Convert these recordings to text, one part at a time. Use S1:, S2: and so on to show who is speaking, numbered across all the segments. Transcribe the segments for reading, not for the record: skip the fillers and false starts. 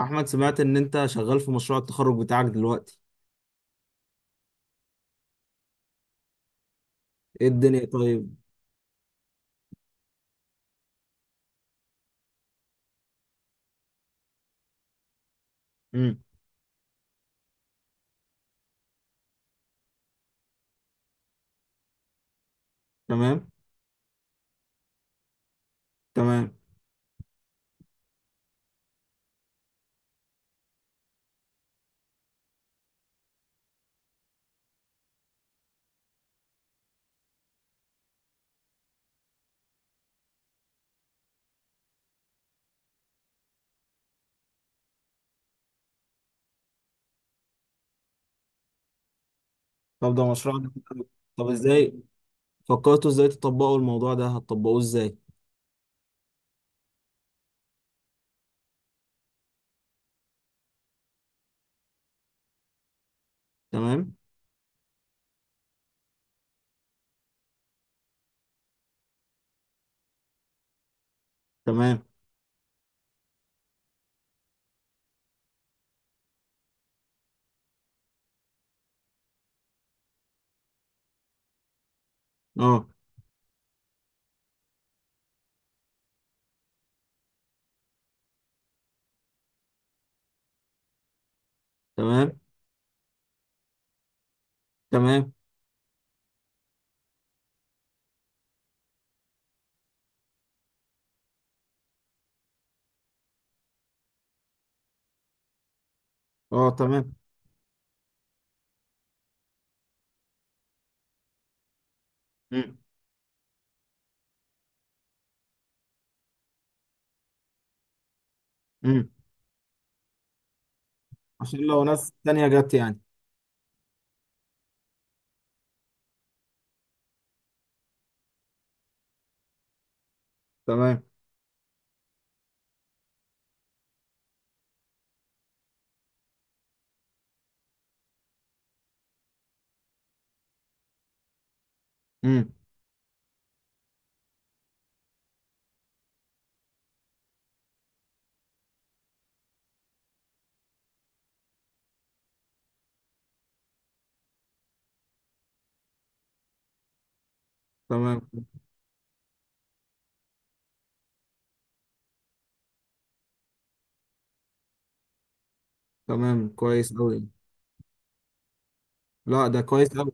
S1: احمد، سمعت ان انت شغال في مشروع التخرج بتاعك دلوقتي. ايه الدنيا؟ طيب. امم. تمام. تمام. طب ده مشروع. طب ازاي فكرتوا ازاي تطبقوا الموضوع ده؟ هتطبقوه ازاي؟ تمام. تمام. اه. تمام. تمام. اه. تمام. امم. امم. عشان لو ناس تانية جت يعني. تمام. امم. تمام. تمام كويس قوي. لا، ده كويس قوي.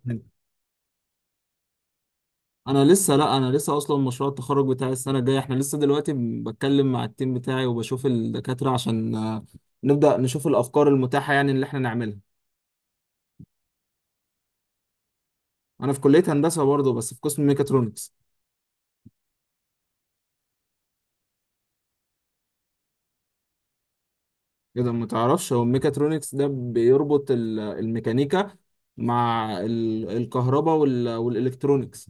S1: انا لسه، لا، انا لسه اصلا مشروع التخرج بتاعي السنه الجايه. احنا لسه دلوقتي بتكلم مع التيم بتاعي وبشوف الدكاتره عشان نبدا نشوف الافكار المتاحه يعني اللي احنا نعملها. انا في كليه هندسه برضه بس في قسم ميكاترونكس. اذا ما تعرفش، هو الميكاترونكس ده بيربط الميكانيكا مع الكهرباء والالكترونكس.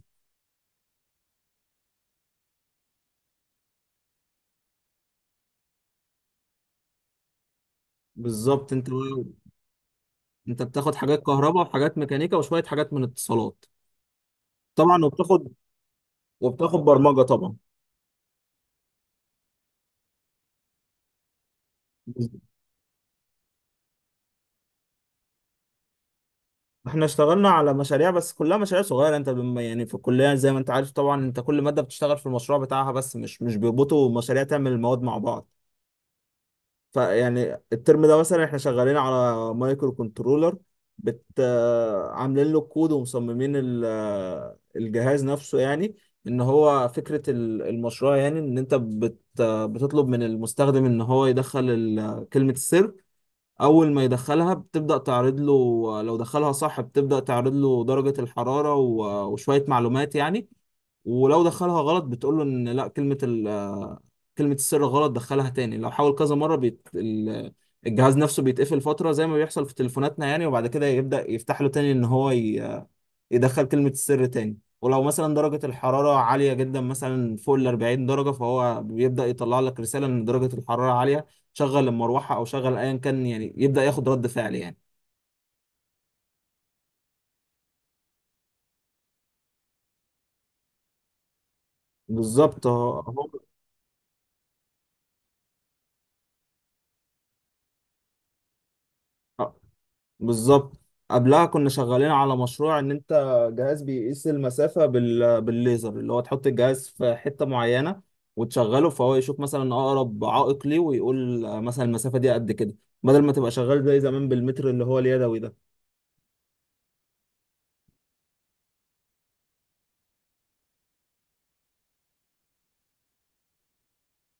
S1: بالظبط. انت بتاخد حاجات كهرباء وحاجات ميكانيكا وشويه حاجات من اتصالات. طبعا. وبتاخد برمجه طبعا. احنا اشتغلنا على مشاريع، بس كلها مشاريع صغيره، انت يعني في الكليه زي ما انت عارف طبعا، انت كل ماده بتشتغل في المشروع بتاعها، بس مش بيربطوا مشاريع تعمل المواد مع بعض. فيعني الترم ده مثلا احنا شغالين على مايكرو كنترولر، بت آه، عاملين له الكود ومصممين ال... آه، الجهاز نفسه يعني. ان هو فكره المشروع يعني ان انت بت... آه، بتطلب من المستخدم ان هو يدخل ال... آه، كلمه السر. اول ما يدخلها بتبدأ تعرض له، لو دخلها صح بتبدأ تعرض له درجة الحرارة وشوية معلومات يعني. ولو دخلها غلط بتقول له ان لا، كلمة السر غلط، دخلها تاني. لو حاول كذا مرة، الجهاز نفسه بيتقفل فترة زي ما بيحصل في تليفوناتنا يعني، وبعد كده يبدأ يفتح له تاني ان هو يدخل كلمة السر تاني. ولو مثلا درجة الحرارة عالية جدا، مثلا فوق ال 40 درجة، فهو بيبدأ يطلع لك رسالة إن درجة الحرارة عالية، شغل المروحة أو شغل أيا كان يعني، يبدأ ياخد رد فعل يعني. بالظبط. آه، بالظبط. قبلها كنا شغالين على مشروع إن أنت جهاز بيقيس المسافة بالليزر، اللي هو تحط الجهاز في حتة معينة وتشغله فهو يشوف مثلا أقرب عائق ليه ويقول مثلا المسافة دي قد كده، بدل ما تبقى شغال زي زمان بالمتر اللي هو اليدوي.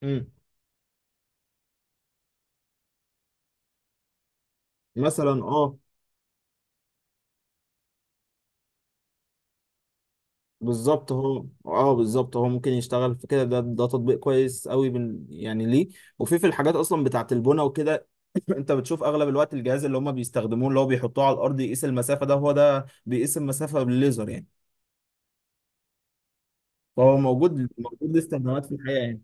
S1: ده مثلا اه. بالظبط هو ممكن يشتغل في كده، ده تطبيق كويس قوي يعني ليه. وفي الحاجات اصلا بتاعه البنى وكده انت بتشوف اغلب الوقت الجهاز اللي هم بيستخدموه اللي هو بيحطوه على الارض يقيس المسافه ده، هو ده بيقيس المسافه بالليزر يعني. فهو موجود. موجود ليه استخدامات في الحياه يعني.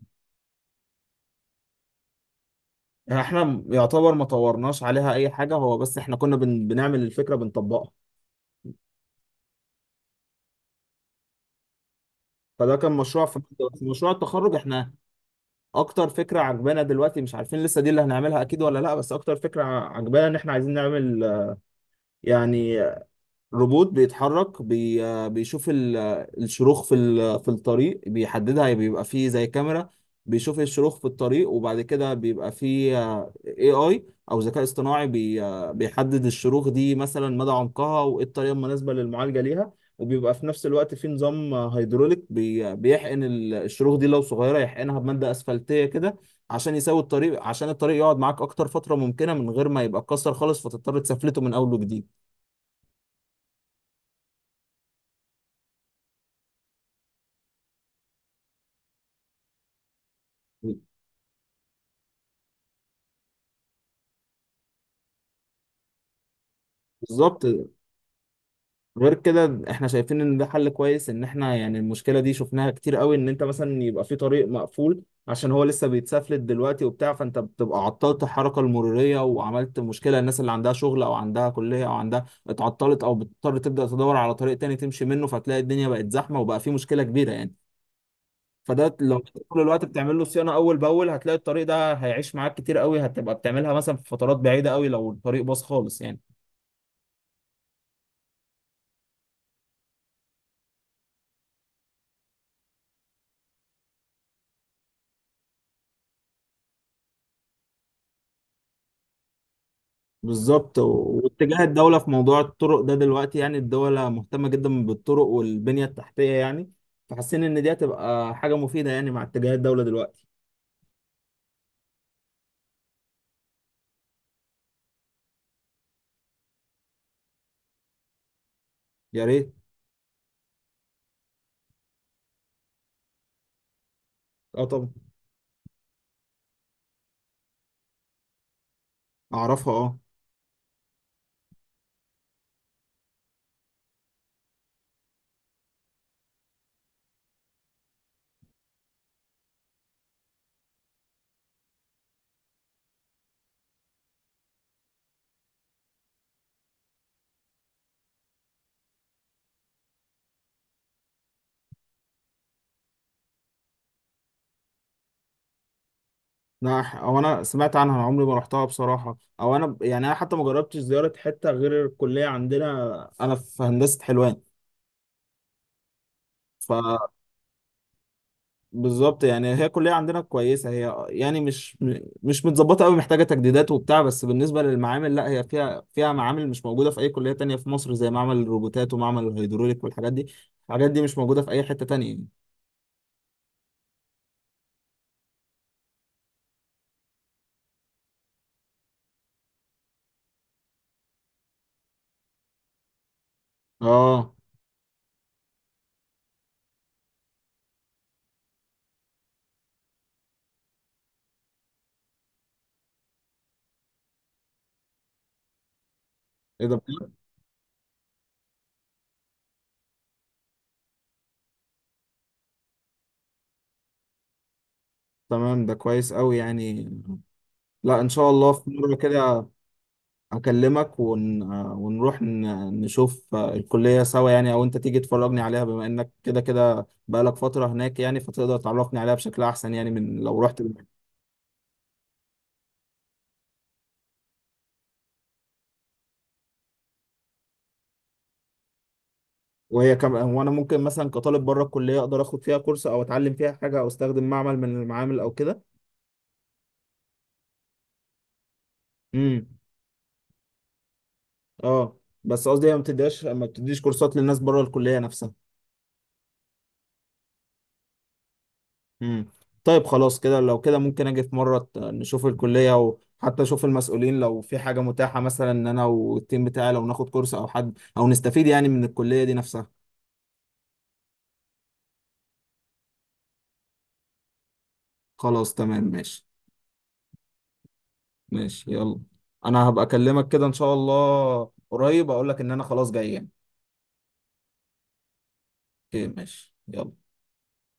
S1: احنا يعتبر ما طورناش عليها اي حاجه هو، بس احنا كنا بنعمل الفكره بنطبقها. فده كان مشروع في مشروع التخرج احنا. اكتر فكره عجبانا دلوقتي، مش عارفين لسه دي اللي هنعملها اكيد ولا لا، بس اكتر فكره عجبانا ان احنا عايزين نعمل يعني روبوت بيتحرك بي... آه، بيشوف ال... آه، الشروخ في في الطريق، بيحددها، بيبقى فيه زي كاميرا بيشوف الشروخ في الطريق، وبعد كده بيبقى فيه اي اي او ذكاء اصطناعي بي... آه، بيحدد الشروخ دي، مثلا مدى عمقها وايه الطريقة المناسبة للمعالجة ليها. وبيبقى في نفس الوقت في نظام هيدروليك بي... آه، بيحقن الشروخ دي، لو صغيرة يحقنها بمادة اسفلتية كده عشان يساوي الطريق، عشان الطريق يقعد معاك اكتر فترة ممكنة من غير ما يبقى اتكسر خالص فتضطر تسفلته من اول وجديد. بالظبط. غير كده احنا شايفين ان ده حل كويس، ان احنا يعني المشكله دي شفناها كتير قوي، ان انت مثلا يبقى في طريق مقفول عشان هو لسه بيتسفلت دلوقتي وبتاع، فانت بتبقى عطلت الحركه المروريه وعملت مشكله، الناس اللي عندها شغل او عندها كليه او عندها اتعطلت او بتضطر تبدا تدور على طريق تاني تمشي منه فتلاقي الدنيا بقت زحمه وبقى في مشكله كبيره يعني. فده لو طول الوقت بتعمل له صيانه اول باول هتلاقي الطريق ده هيعيش معاك كتير قوي، هتبقى بتعملها مثلا في فترات بعيده قوي لو الطريق باظ خالص يعني. بالظبط. واتجاه الدولة في موضوع الطرق ده دلوقتي، يعني الدولة مهتمة جدا بالطرق والبنية التحتية يعني. فحاسين إن دي هتبقى حاجة مفيدة يعني مع اتجاه الدولة دلوقتي. يا ريت. اه طبعا. أعرفها اه. أو أنا سمعت عنها، أنا عمري ما رحتها بصراحة. أو يعني أنا حتى ما جربتش زيارة حتة غير الكلية عندنا، أنا في هندسة حلوان. بالظبط، يعني هي الكلية عندنا كويسة، هي يعني مش متظبطة قوي، محتاجة تجديدات وبتاع، بس بالنسبة للمعامل لا، هي فيها معامل مش موجودة في أي كلية تانية في مصر، زي معمل الروبوتات ومعمل الهيدروليك والحاجات دي. الحاجات دي مش موجودة في أي حتة تانية يعني. اه. ايه ده بجد؟ تمام، ده كويس قوي يعني. لا، ان شاء الله في مرة كده اكلمك ونروح نشوف الكلية سوا يعني، او انت تيجي تفرجني عليها بما انك كده كده بقالك فترة هناك يعني، فتقدر تعرفني عليها بشكل احسن يعني من لو رحت. وهي كم، وانا ممكن مثلا كطالب بره الكليه اقدر اخد فيها كورس او اتعلم فيها حاجه او استخدم معمل من المعامل او كده. امم. اه، بس قصدي هي ما بتديهاش، ما بتديش كورسات للناس بره الكليه نفسها. امم. طيب، خلاص كده، لو كده ممكن اجي في مره نشوف الكليه، وحتى اشوف المسؤولين لو في حاجه متاحه، مثلا ان انا والتيم بتاعي لو ناخد كورس او حد او نستفيد يعني من الكليه دي نفسها. خلاص تمام ماشي. ماشي. يلا. انا هبقى اكلمك كده ان شاء الله قريب، اقول لك ان انا خلاص جاي يعني. اوكي ماشي يلا.